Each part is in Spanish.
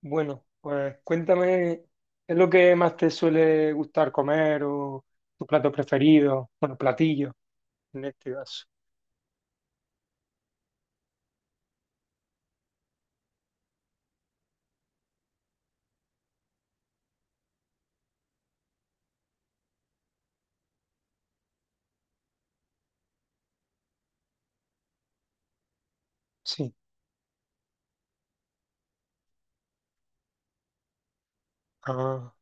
Bueno, pues cuéntame, ¿qué es lo que más te suele gustar comer o tus platos preferidos? Bueno, platillos, en este caso. Sí, ah,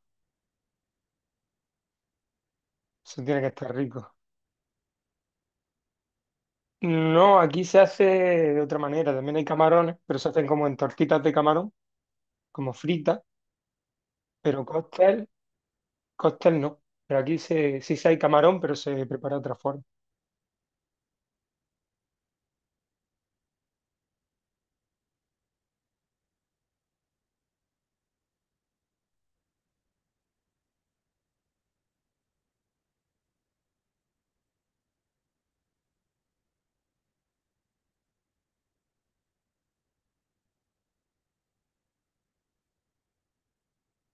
eso tiene que estar rico. No, aquí se hace de otra manera, también hay camarones, pero se hacen como en tortitas de camarón, como fritas, pero cóctel, cóctel no. Pero aquí sí se hay camarón, pero se prepara de otra forma.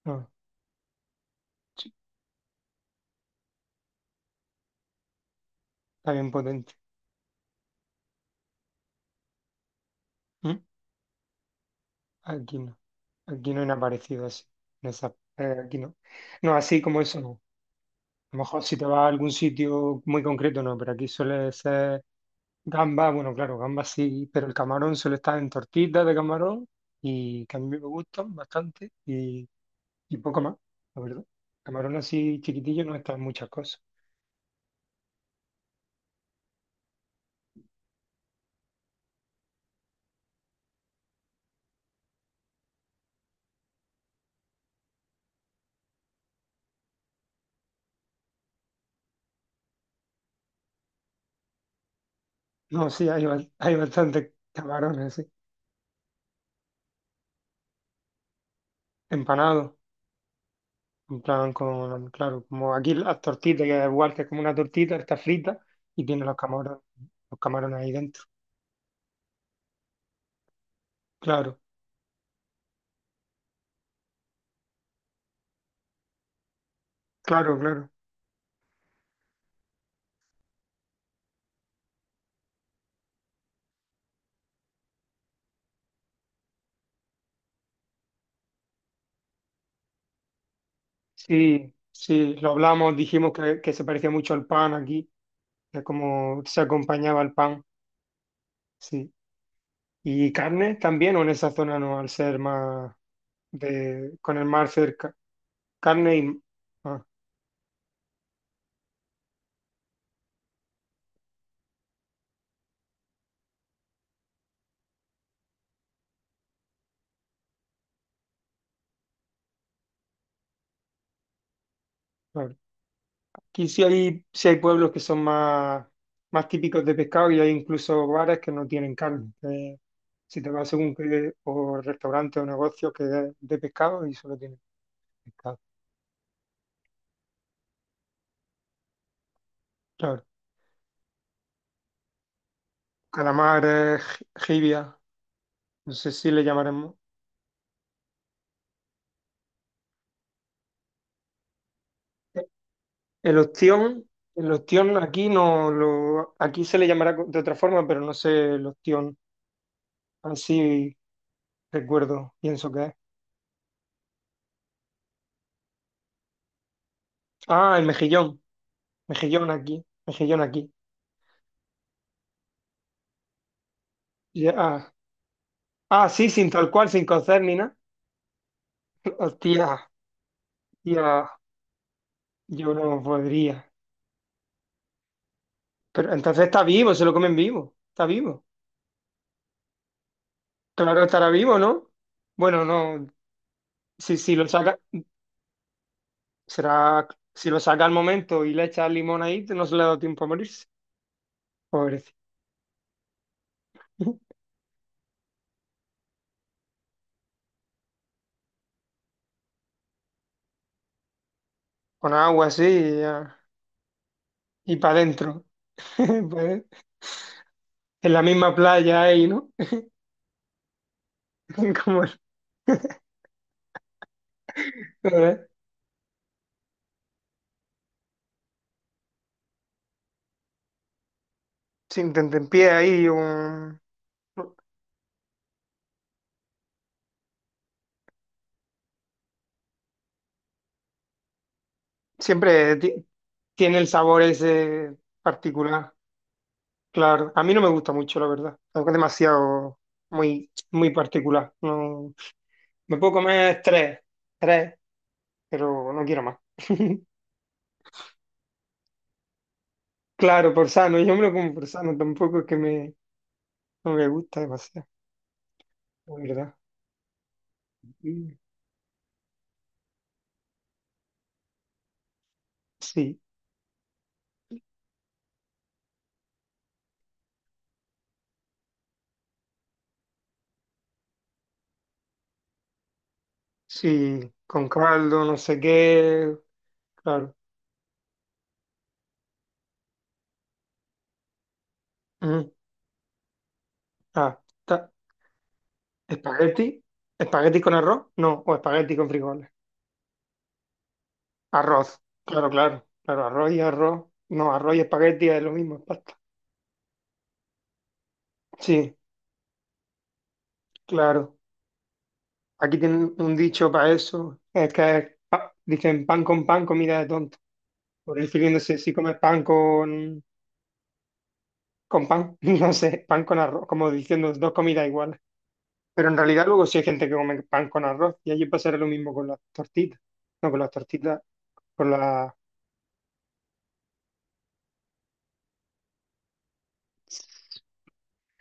Ah, sí, está bien potente. ¿Mm? Aquí no, aquí no hay nada parecido así. Aquí no. No, así como eso, no. A lo mejor si te vas a algún sitio muy concreto, no, pero aquí suele ser gamba, bueno, claro, gamba sí, pero el camarón suele estar en tortitas de camarón y que a mí me gustan bastante y poco más, la verdad. Camarón así chiquitillo no está en muchas cosas. No, sí, hay, hay bastantes camarones, sí. Empanados, en plan con, claro, como aquí las tortitas, que es igual que es como una tortita, está frita y tiene los camarones ahí dentro. Claro, claro, claro. Sí, sí, lo hablamos, dijimos que se parecía mucho al pan aquí, que como se acompañaba el pan, sí. ¿Y carne también o en esa zona no, al ser más de, con el mar cerca? Carne y... Ah, claro. Aquí sí hay pueblos que son más, más típicos de pescado y hay incluso bares que no tienen carne, que si te vas según qué, o restaurante o negocio que es de pescado y solo tienen pescado. Claro. Calamares, jibia, no sé si le llamaremos. El ostión aquí no lo, aquí se le llamará de otra forma, pero no sé el ostión. Así recuerdo, pienso que es. Ah, el mejillón, mejillón aquí, mejillón aquí. Ya, ah, ah, sí, sin tal cual, sin cocer ni nada. Hostia, hostia, yo no podría. Pero entonces está vivo, se lo comen vivo, está vivo. Claro, estará vivo, ¿no? Bueno, no, si lo saca, será, si lo saca al momento y le echa limón ahí, no se le ha dado tiempo a morirse. Pobrecito. Con agua así y, y para adentro. Pues, en la misma playa ahí, ¿no? Como, ¿verdad? Sin tentempié ahí, un... siempre ti- Tiene el sabor ese particular. Claro, a mí no me gusta mucho, la verdad. Es demasiado, muy, muy particular. No, me puedo comer tres, tres, pero no quiero más. Claro, por sano, yo me lo como por sano, tampoco es que me, no me gusta demasiado, la verdad. Mm. Sí. Sí, con caldo, no sé qué, claro. Mm. Ah, ta- espagueti, espagueti con arroz, no, o espagueti con frijoles. Arroz, claro, claro, claro, arroz y arroz, no, arroz y espagueti es lo mismo, es pasta. Sí, claro. Aquí tienen un dicho para eso, es que es dicen pan con pan, comida de tonto. Por refiriéndose si comes pan con pan, no sé, pan con arroz, como diciendo dos comidas iguales. Pero en realidad luego sí hay gente que come pan con arroz y allí pasará lo mismo con las tortitas. No, con las tortitas, con las...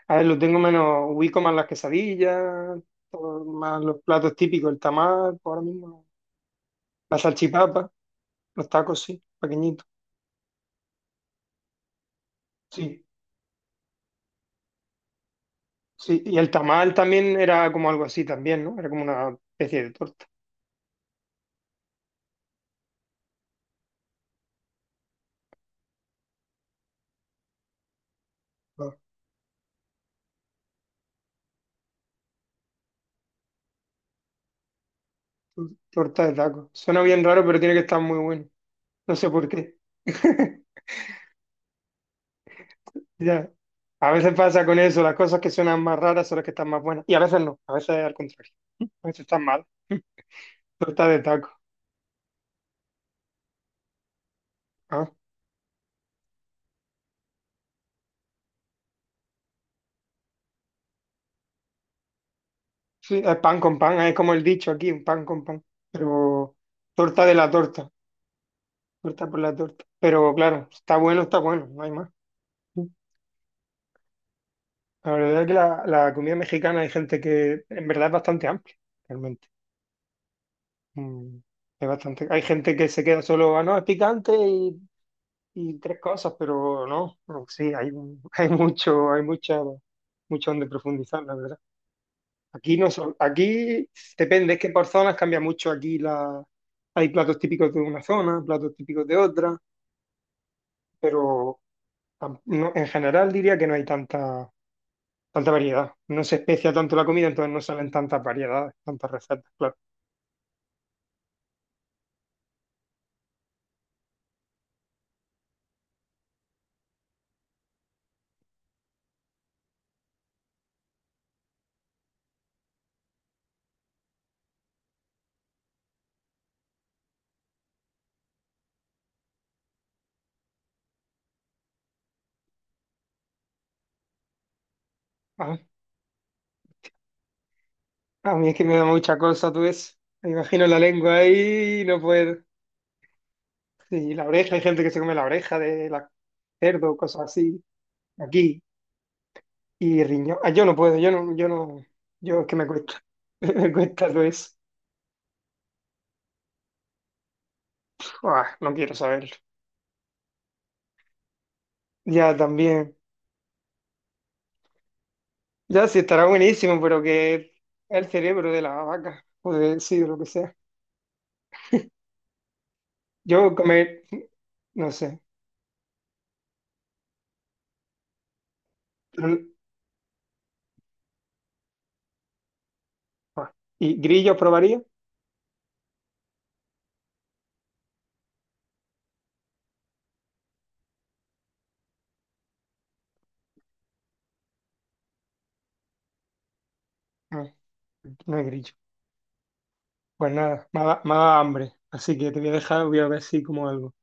A ver, lo tengo menos, ubico más las quesadillas, todo más los platos típicos, el tamal, pues ahora mismo, no. La salchipapa, los tacos, sí, pequeñitos. Sí, sí, y el tamal también era como algo así también, ¿no? Era como una especie de torta. Ah, torta de taco. Suena bien raro, pero tiene que estar muy bueno. No sé por qué. Ya. A veces pasa con eso, las cosas que suenan más raras son las que están más buenas. Y a veces no, a veces al contrario. A veces están mal. Tú estás de taco. Ah, sí, es pan con pan, es como el dicho aquí, un pan con pan. Pero torta de la torta, torta por la torta. Pero claro, está bueno, no hay más. La verdad es que la comida mexicana hay gente que en verdad es bastante amplia, realmente. Mm, es bastante, hay gente que se queda solo, ah, no, es picante y tres cosas, pero no, no, sí, hay, hay mucho, hay mucha, mucho donde profundizar, la verdad. Aquí no son, aquí depende, es que por zonas cambia mucho. Aquí la, hay platos típicos de una zona, platos típicos de otra, pero en general diría que no hay tanta, tanta variedad. No se especia tanto la comida, entonces no salen tantas variedades, tantas recetas, claro. Ah, a mí es que me da mucha cosa, tú ves. Me imagino la lengua ahí, no puedo. Y la oreja, hay gente que se come la oreja de la cerdo, cosas así. Aquí, y riñón. Ah, yo no puedo, yo no, yo no, yo es que me cuesta. Me cuesta todo eso. Ah, no quiero saberlo. Ya también. Ya sí estará buenísimo, pero que es el cerebro de la vaca, o de sí, de lo que sea. Yo comer, no sé. Pero- ah, ¿y grillo probaría? No, no hay grillo. Pues nada, me ha dado hambre. Así que te voy a dejar, voy a ver si como algo.